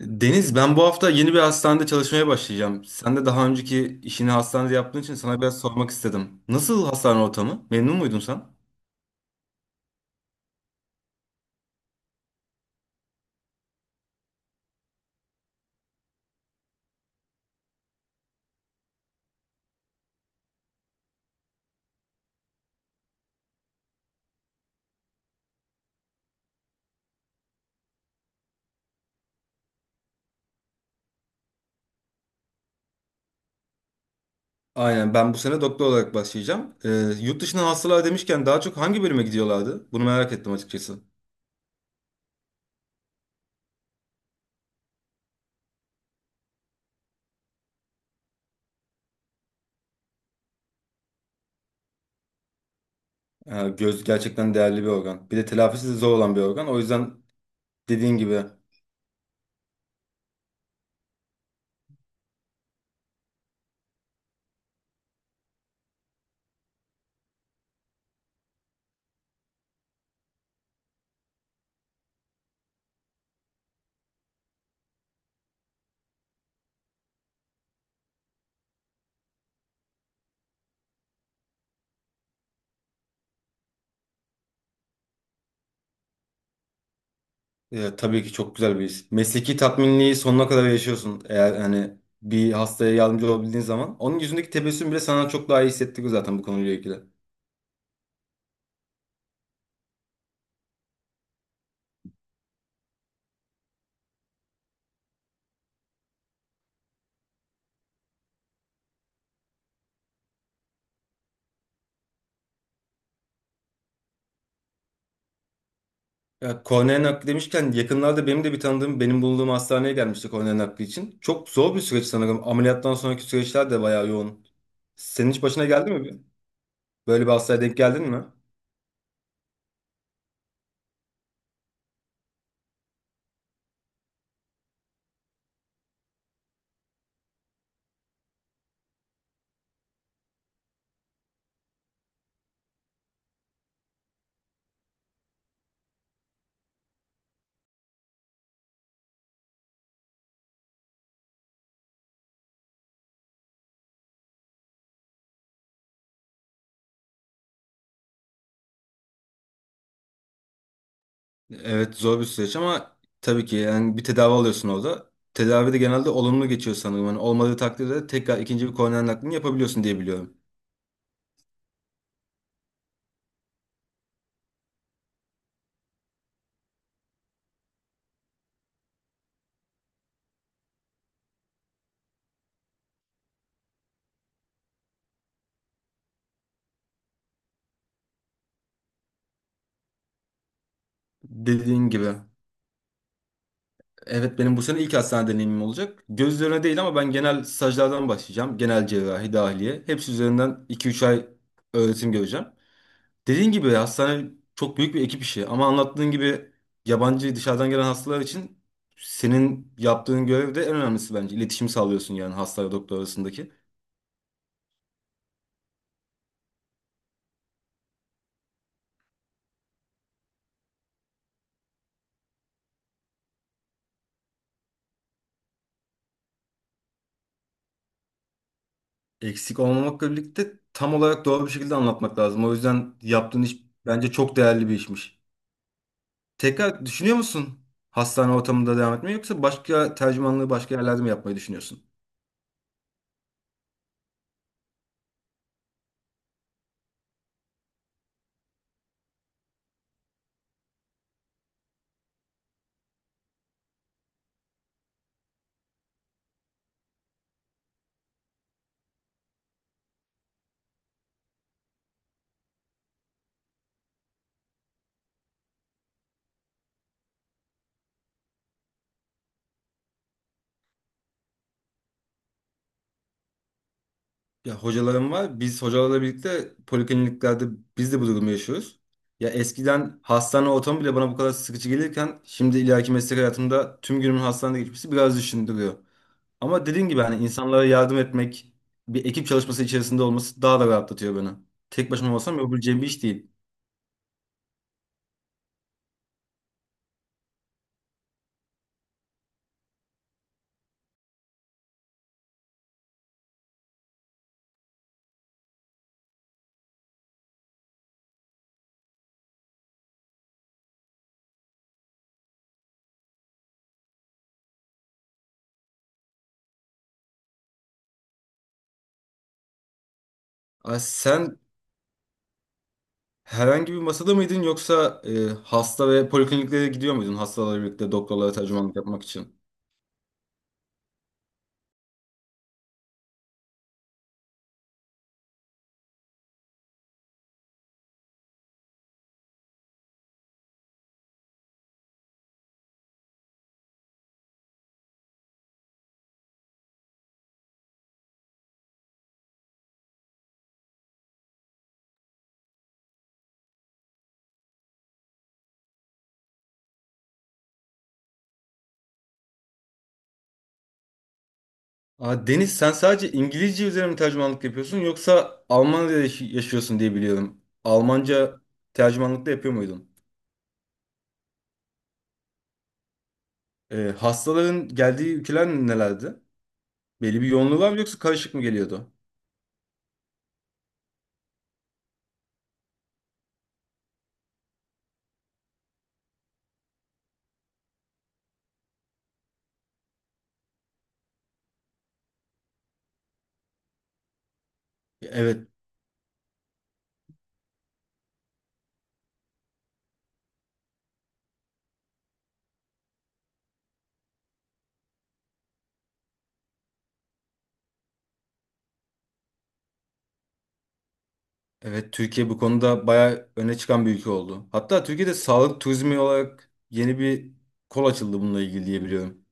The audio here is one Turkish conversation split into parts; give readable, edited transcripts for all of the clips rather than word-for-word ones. Deniz, ben bu hafta yeni bir hastanede çalışmaya başlayacağım. Sen de daha önceki işini hastanede yaptığın için sana biraz sormak istedim. Nasıl hastane ortamı? Memnun muydun sen? Aynen, ben bu sene doktor olarak başlayacağım. Yurt dışına hastalar demişken daha çok hangi bölüme gidiyorlardı? Bunu merak ettim açıkçası. Ha, göz gerçekten değerli bir organ. Bir de telafisi de zor olan bir organ. O yüzden dediğin gibi. Tabii ki çok güzel bir his. Mesleki tatminliği sonuna kadar yaşıyorsun. Eğer hani bir hastaya yardımcı olabildiğin zaman. Onun yüzündeki tebessüm bile sana çok daha iyi hissettiriyor zaten bu konuyla ilgili. Ya kornea nakli demişken yakınlarda benim de bir tanıdığım benim bulunduğum hastaneye gelmişti kornea nakli için. Çok zor bir süreç sanırım. Ameliyattan sonraki süreçler de bayağı yoğun. Senin hiç başına geldi mi? Böyle bir hastaya denk geldin mi? Evet, zor bir süreç ama tabii ki yani bir tedavi alıyorsun orada. Tedavi de genelde olumlu geçiyor sanırım. Yani olmadığı takdirde tekrar ikinci bir kornea naklini yapabiliyorsun diye biliyorum. Dediğin gibi. Evet, benim bu sene ilk hastane deneyimim olacak. Göz üzerine değil ama ben genel stajlardan başlayacağım. Genel cerrahi, dahiliye. Hepsi üzerinden iki üç ay öğretim göreceğim. Dediğin gibi hastane çok büyük bir ekip işi. Ama anlattığın gibi yabancı dışarıdan gelen hastalar için senin yaptığın görev de en önemlisi bence. İletişim sağlıyorsun yani hasta ve doktor arasındaki. Eksik olmamakla birlikte tam olarak doğru bir şekilde anlatmak lazım. O yüzden yaptığın iş bence çok değerli bir işmiş. Tekrar düşünüyor musun hastane ortamında devam etmeyi yoksa başka tercümanlığı başka yerlerde mi yapmayı düşünüyorsun? Ya hocalarım var. Biz hocalarla birlikte polikliniklerde biz de bu durumu yaşıyoruz. Ya eskiden hastane ortamı bile bana bu kadar sıkıcı gelirken şimdi ileriki meslek hayatımda tüm günümün hastanede geçmesi biraz düşündürüyor. Ama dediğim gibi hani insanlara yardım etmek, bir ekip çalışması içerisinde olması daha da rahatlatıyor beni. Tek başıma olsam yapabileceğim bir iş değil. Ay sen, herhangi bir masada mıydın yoksa hasta ve polikliniklere gidiyor muydun hastalarla birlikte doktorlara tercümanlık yapmak için? Aa, Deniz, sen sadece İngilizce üzerine mi tercümanlık yapıyorsun yoksa Almanya'da yaşıyorsun diye biliyorum. Almanca tercümanlık da yapıyor muydun? Hastaların geldiği ülkeler nelerdi? Belli bir yoğunluğu var mı yoksa karışık mı geliyordu? Evet, evet, Türkiye bu konuda bayağı öne çıkan bir ülke oldu. Hatta Türkiye'de sağlık turizmi olarak yeni bir kol açıldı bununla ilgili diye biliyorum.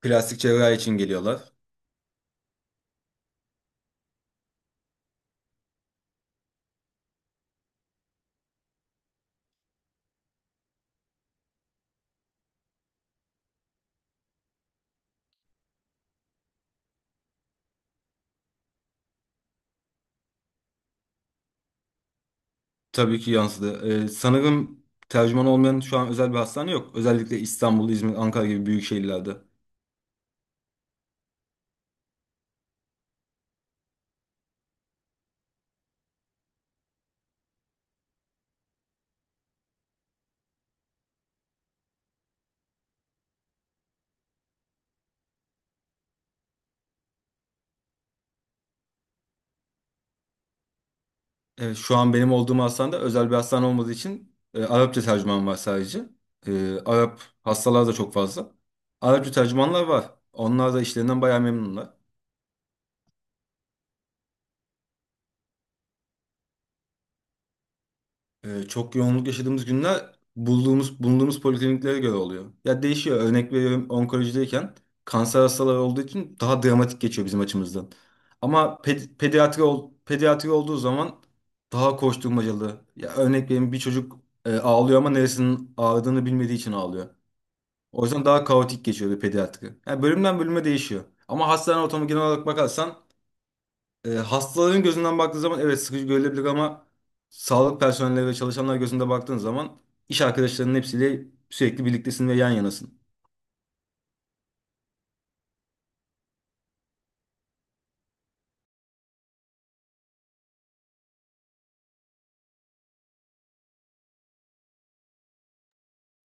Plastik cerrahi için geliyorlar. Tabii ki yansıdı. Sanırım tercüman olmayan şu an özel bir hastane yok. Özellikle İstanbul, İzmir, Ankara gibi büyük şehirlerde. Evet, şu an benim olduğum hastanede özel bir hastane olmadığı için Arapça tercüman var sadece. Arap hastalar da çok fazla. Arapça tercümanlar var. Onlar da işlerinden bayağı memnunlar. Çok yoğunluk yaşadığımız günler bulunduğumuz polikliniklere göre oluyor. Ya değişiyor. Örnek veriyorum, onkolojideyken kanser hastaları olduğu için daha dramatik geçiyor bizim açımızdan. Ama pediatri olduğu zaman daha koşturmacalı. Ya örnek veriyorum, bir çocuk ağlıyor ama neresinin ağrıdığını bilmediği için ağlıyor. O yüzden daha kaotik geçiyor bir pediatri. Yani bölümden bölüme değişiyor. Ama hastane ortamı genel olarak bakarsan hastaların gözünden baktığı zaman evet sıkıcı görülebilir ama sağlık personeli ve çalışanlar gözünde baktığın zaman iş arkadaşlarının hepsiyle sürekli birliktesin ve yan yanasın.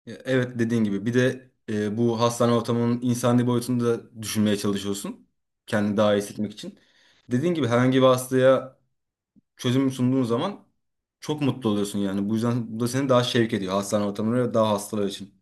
Evet, dediğin gibi bir de bu hastane ortamının insani boyutunu da düşünmeye çalışıyorsun. Kendini daha iyi hissetmek için. Dediğin gibi, herhangi bir hastaya çözüm sunduğun zaman çok mutlu oluyorsun yani. Bu yüzden bu da seni daha şevk ediyor hastane ortamları ve daha hastalar için.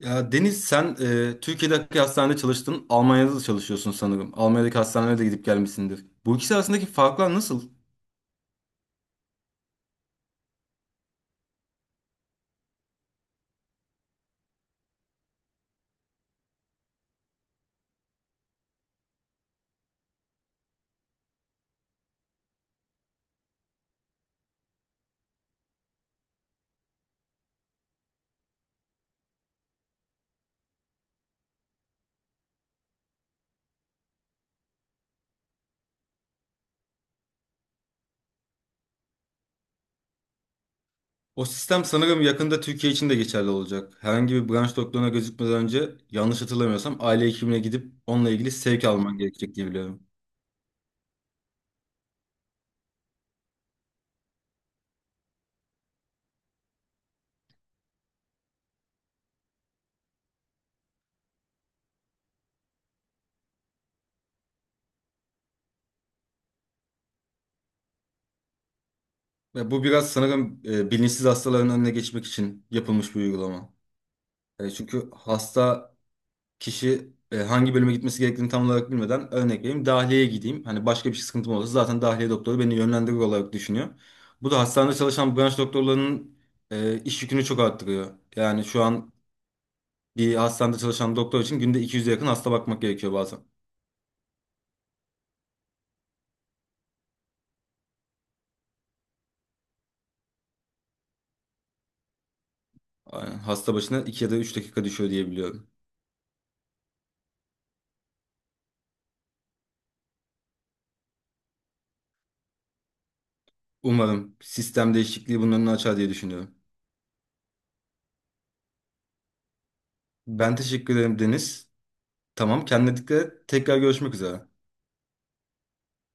Ya Deniz, sen Türkiye'deki hastanede çalıştın, Almanya'da da çalışıyorsun sanırım. Almanya'daki hastanelere de gidip gelmişsindir. Bu ikisi arasındaki farklar nasıl? O sistem sanırım yakında Türkiye için de geçerli olacak. Herhangi bir branş doktoruna gözükmeden önce, yanlış hatırlamıyorsam, aile hekimine gidip onunla ilgili sevk alman gerekecek diye biliyorum. Ve bu biraz sanırım bilinçsiz hastaların önüne geçmek için yapılmış bir uygulama. Çünkü hasta kişi hangi bölüme gitmesi gerektiğini tam olarak bilmeden, örnek vereyim, dahiliyeye gideyim. Hani başka bir şey sıkıntım olursa zaten dahiliye doktoru beni yönlendirir olarak düşünüyor. Bu da hastanede çalışan branş doktorlarının iş yükünü çok arttırıyor. Yani şu an bir hastanede çalışan doktor için günde 200'e yakın hasta bakmak gerekiyor bazen. Aynen. Hasta başına 2 ya da 3 dakika düşüyor diye biliyorum. Umarım sistem değişikliği bunun önünü açar diye düşünüyorum. Ben teşekkür ederim Deniz. Tamam, kendine dikkat et. Tekrar görüşmek üzere.